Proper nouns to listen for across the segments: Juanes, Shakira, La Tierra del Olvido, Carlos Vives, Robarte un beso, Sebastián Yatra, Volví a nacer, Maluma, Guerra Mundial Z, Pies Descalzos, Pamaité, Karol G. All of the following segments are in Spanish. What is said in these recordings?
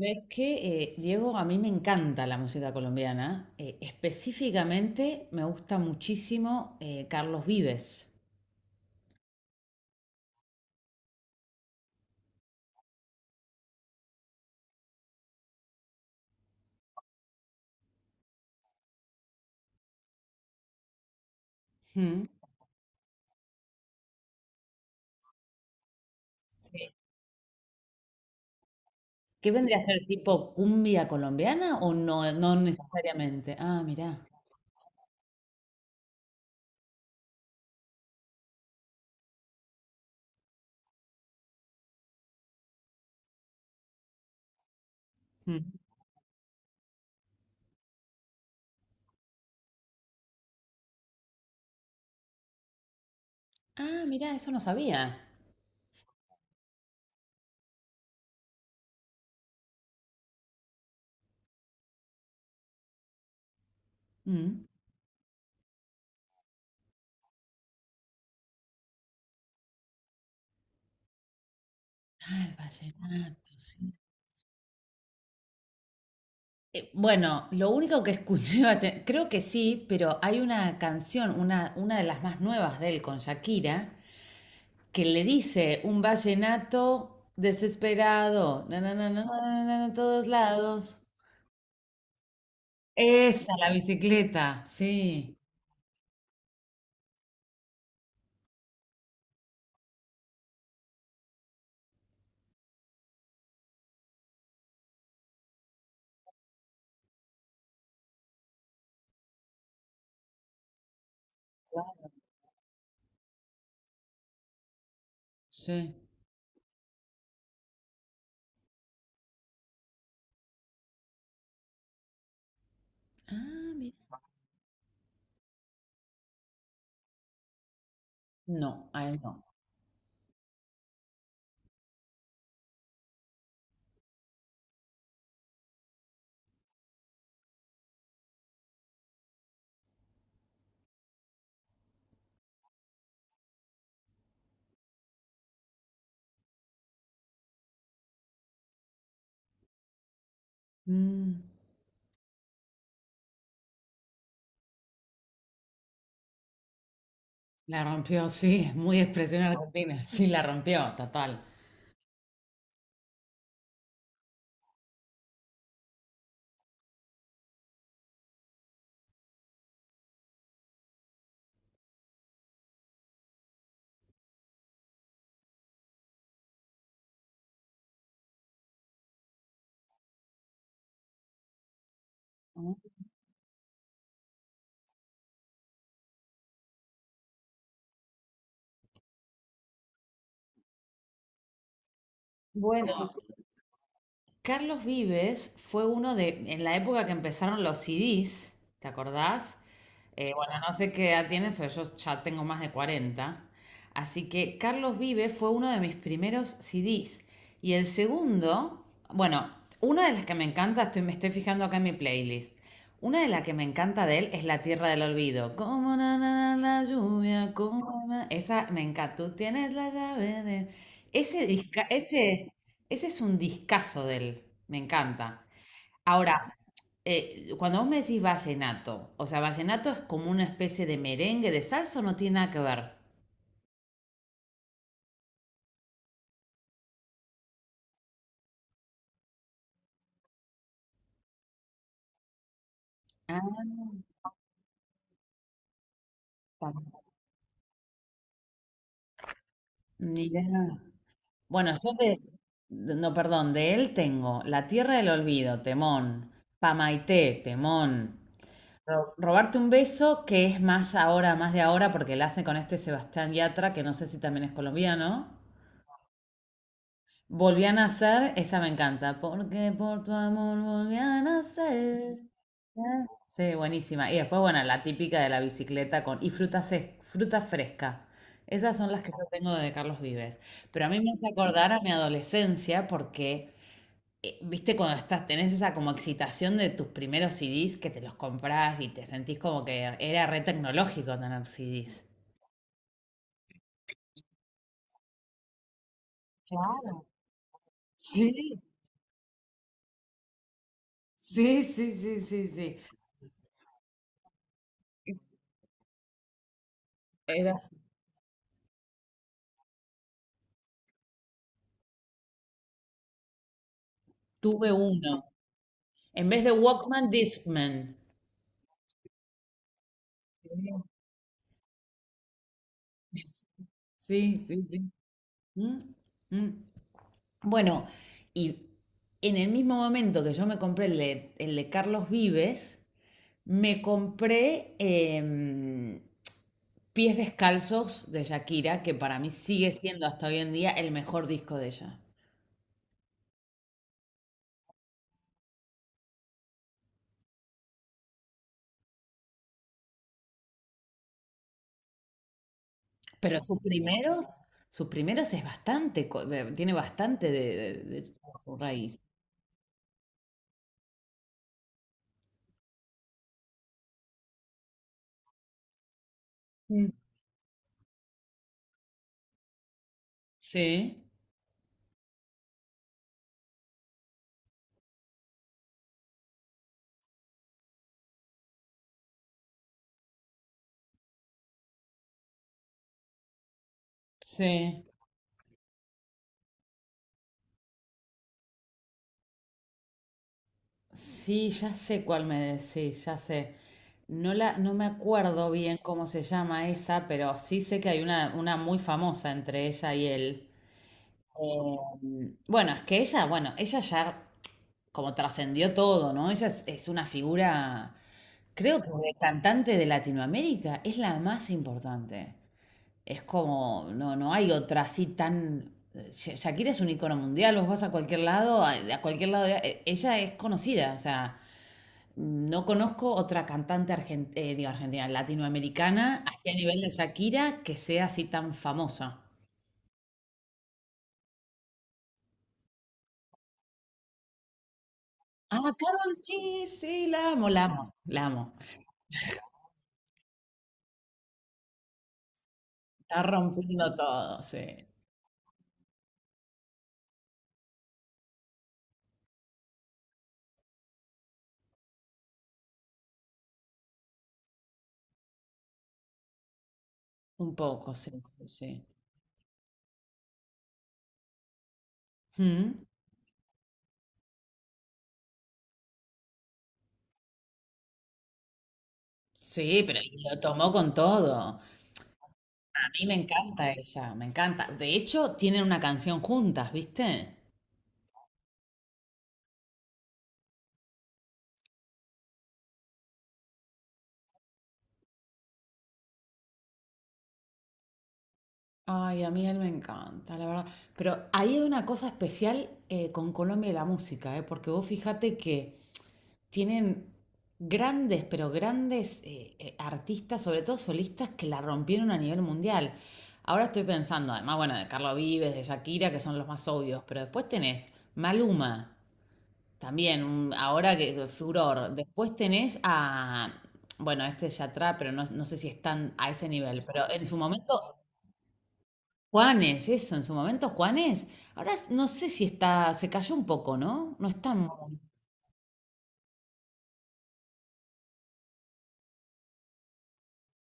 Ves que, Diego, a mí me encanta la música colombiana. Específicamente me gusta muchísimo Carlos Vives. Mm. Sí. ¿Qué vendría a ser tipo cumbia colombiana o no, no necesariamente? Ah, mirá. Mm. Ah, mirá, eso no sabía. Mm. Ah, el vallenato, sí. Bueno, lo único que escuché, creo que sí, pero hay una canción, una de las más nuevas de él con Shakira, que le dice un vallenato desesperado, na, na, na, na, na, na, na, na, todos lados. Esa, la bicicleta, sí, sí. Ah, mira. No, a él no. Mm, la rompió, sí, es muy expresión argentina, sí, la rompió, total. Bueno, Carlos Vives fue uno de, en la época que empezaron los CDs, ¿te acordás? Bueno, no sé qué edad tienes, pero yo ya tengo más de 40. Así que Carlos Vive fue uno de mis primeros CDs. Y el segundo, bueno, una de las que me encanta, estoy, me estoy fijando acá en mi playlist. Una de las que me encanta de él es La Tierra del Olvido. Como na, na, na, la lluvia, como Esa me encanta. Tú tienes la llave de... Ese disca, ese es un discazo de él. Me encanta. Ahora, cuando vos me decís vallenato, o sea, vallenato es como una especie de merengue de salsa o no tiene nada que ver. Ah, pa- mirá. Bueno, yo de, no, perdón, de él tengo La Tierra del Olvido, temón, Pamaité, temón, Robarte un beso, que es más ahora, más de ahora, porque la hace con este Sebastián Yatra, que no sé si también es colombiano. Volví a nacer, esa me encanta. Porque por tu amor volví a nacer. Ah, sí, buenísima. Y después, bueno, la típica de la bicicleta con... Y fruta, fruta fresca. Esas son las que yo tengo de Carlos Vives. Pero a mí me hace acordar a mi adolescencia porque, viste, cuando estás, tenés esa como excitación de tus primeros CDs que te los comprás y te sentís como que era re tecnológico tener CDs. Claro. Sí, sí, sí, sí, sí, sí. Era así. Tuve uno. En vez de Walkman, Discman. Sí, sí, sí. ¿Mm? ¿Mm? Bueno, y en el mismo momento que yo me compré el de Carlos Vives, me compré Pies Descalzos de Shakira, que para mí sigue siendo hasta hoy en día el mejor disco de ella. Pero sus primeros es bastante, tiene bastante de, de su raíz. Mm. Sí, sí. Sí, ya sé cuál me decís, ya sé. No la, no me acuerdo bien cómo se llama esa, pero sí sé que hay una muy famosa entre ella y él. Bueno, es que ella, bueno, ella ya como trascendió todo, ¿no? Ella es una figura, creo que de cantante de Latinoamérica es la más importante. Es como, no, no hay otra así tan... Shakira es un icono mundial, vos vas a cualquier lado, ella es conocida, o sea, no conozco otra cantante digo, argentina, latinoamericana, así a nivel de Shakira, que sea así tan famosa. Ah, Carol, G, sí, la amo, la amo, la amo. Está rompiendo todo, sí. Un poco, sí, sí, sí. Mm, sí, pero y lo tomó con todo. A mí me encanta ella, me encanta. De hecho, tienen una canción juntas, ¿viste? Ay, a mí él me encanta, la verdad. Pero ahí hay una cosa especial con Colombia y la música, ¿eh? Porque vos fíjate que tienen grandes, pero grandes artistas, sobre todo solistas, que la rompieron a nivel mundial. Ahora estoy pensando, además, bueno, de Carlos Vives, de Shakira, que son los más obvios, pero después tenés Maluma, también, ahora que furor. Después tenés a, bueno, este es Yatra, pero no, no sé si están a ese nivel, pero en su momento, Juanes, eso, en su momento Juanes, ahora no sé si está, se cayó un poco, ¿no? No está muy...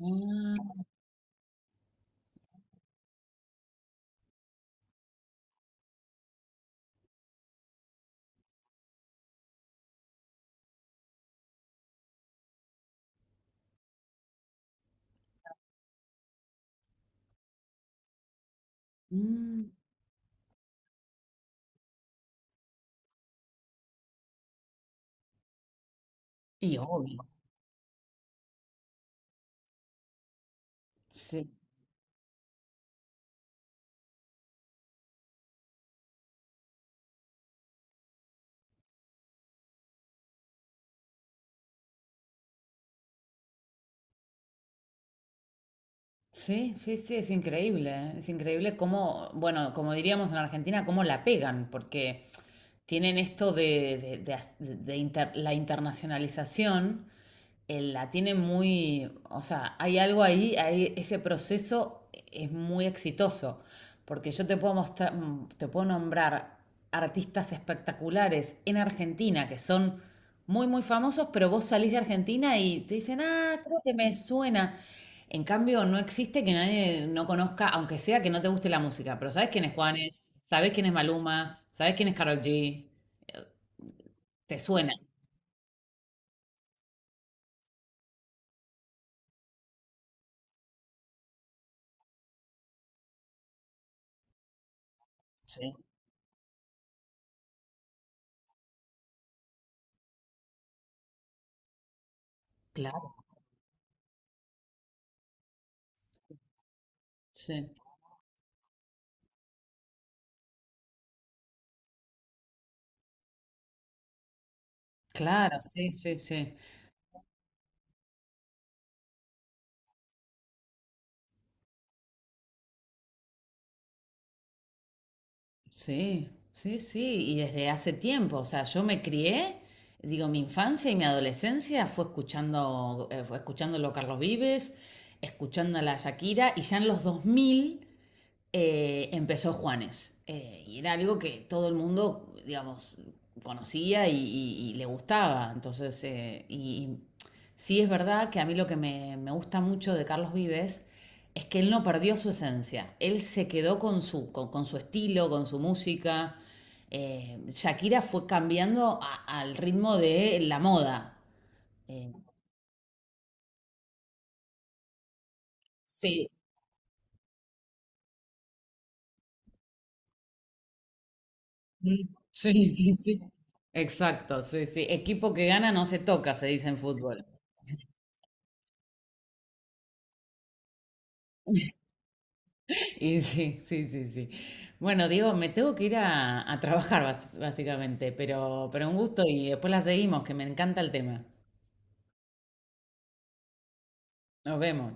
Ah, mm, y obvio, sí. Sí, sí, sí, es increíble, ¿eh? Es increíble cómo, bueno, como diríamos en Argentina, cómo la pegan, porque tienen esto de, la internacionalización, él la tiene muy, o sea, hay algo ahí, ese proceso es muy exitoso, porque yo te puedo mostrar, mm, te puedo nombrar artistas espectaculares en Argentina que son muy, muy famosos, pero vos salís de Argentina y te dicen, ah, creo que me suena. En cambio, no existe que nadie no conozca, aunque sea que no te guste la música, pero sabes quién es Juanes, sabes quién es Maluma, sabes quién es Karol G, te suena. Sí, claro. Sí. Claro, sí, sí, sí. Sí, sí, sí, y desde hace tiempo, o sea, yo me crié, digo, mi infancia y mi adolescencia fue escuchando, fue escuchándolo a Carlos Vives, escuchando a la Shakira, y ya en los 2000 empezó Juanes. Y era algo que todo el mundo, digamos, conocía y le gustaba. Entonces, y sí es verdad que a mí lo que me gusta mucho de Carlos Vives es que él no perdió su esencia. Él se quedó con su estilo, con su música. Shakira fue cambiando al ritmo de la moda. Eh, sí, mm, sí, sí, sí. Exacto, sí, sí. Equipo que gana no se toca, se dice en fútbol. Y sí, sí, sí, sí. Bueno, Diego, me tengo que ir a trabajar básicamente, pero un gusto y después la seguimos, que me encanta el tema. Nos vemos.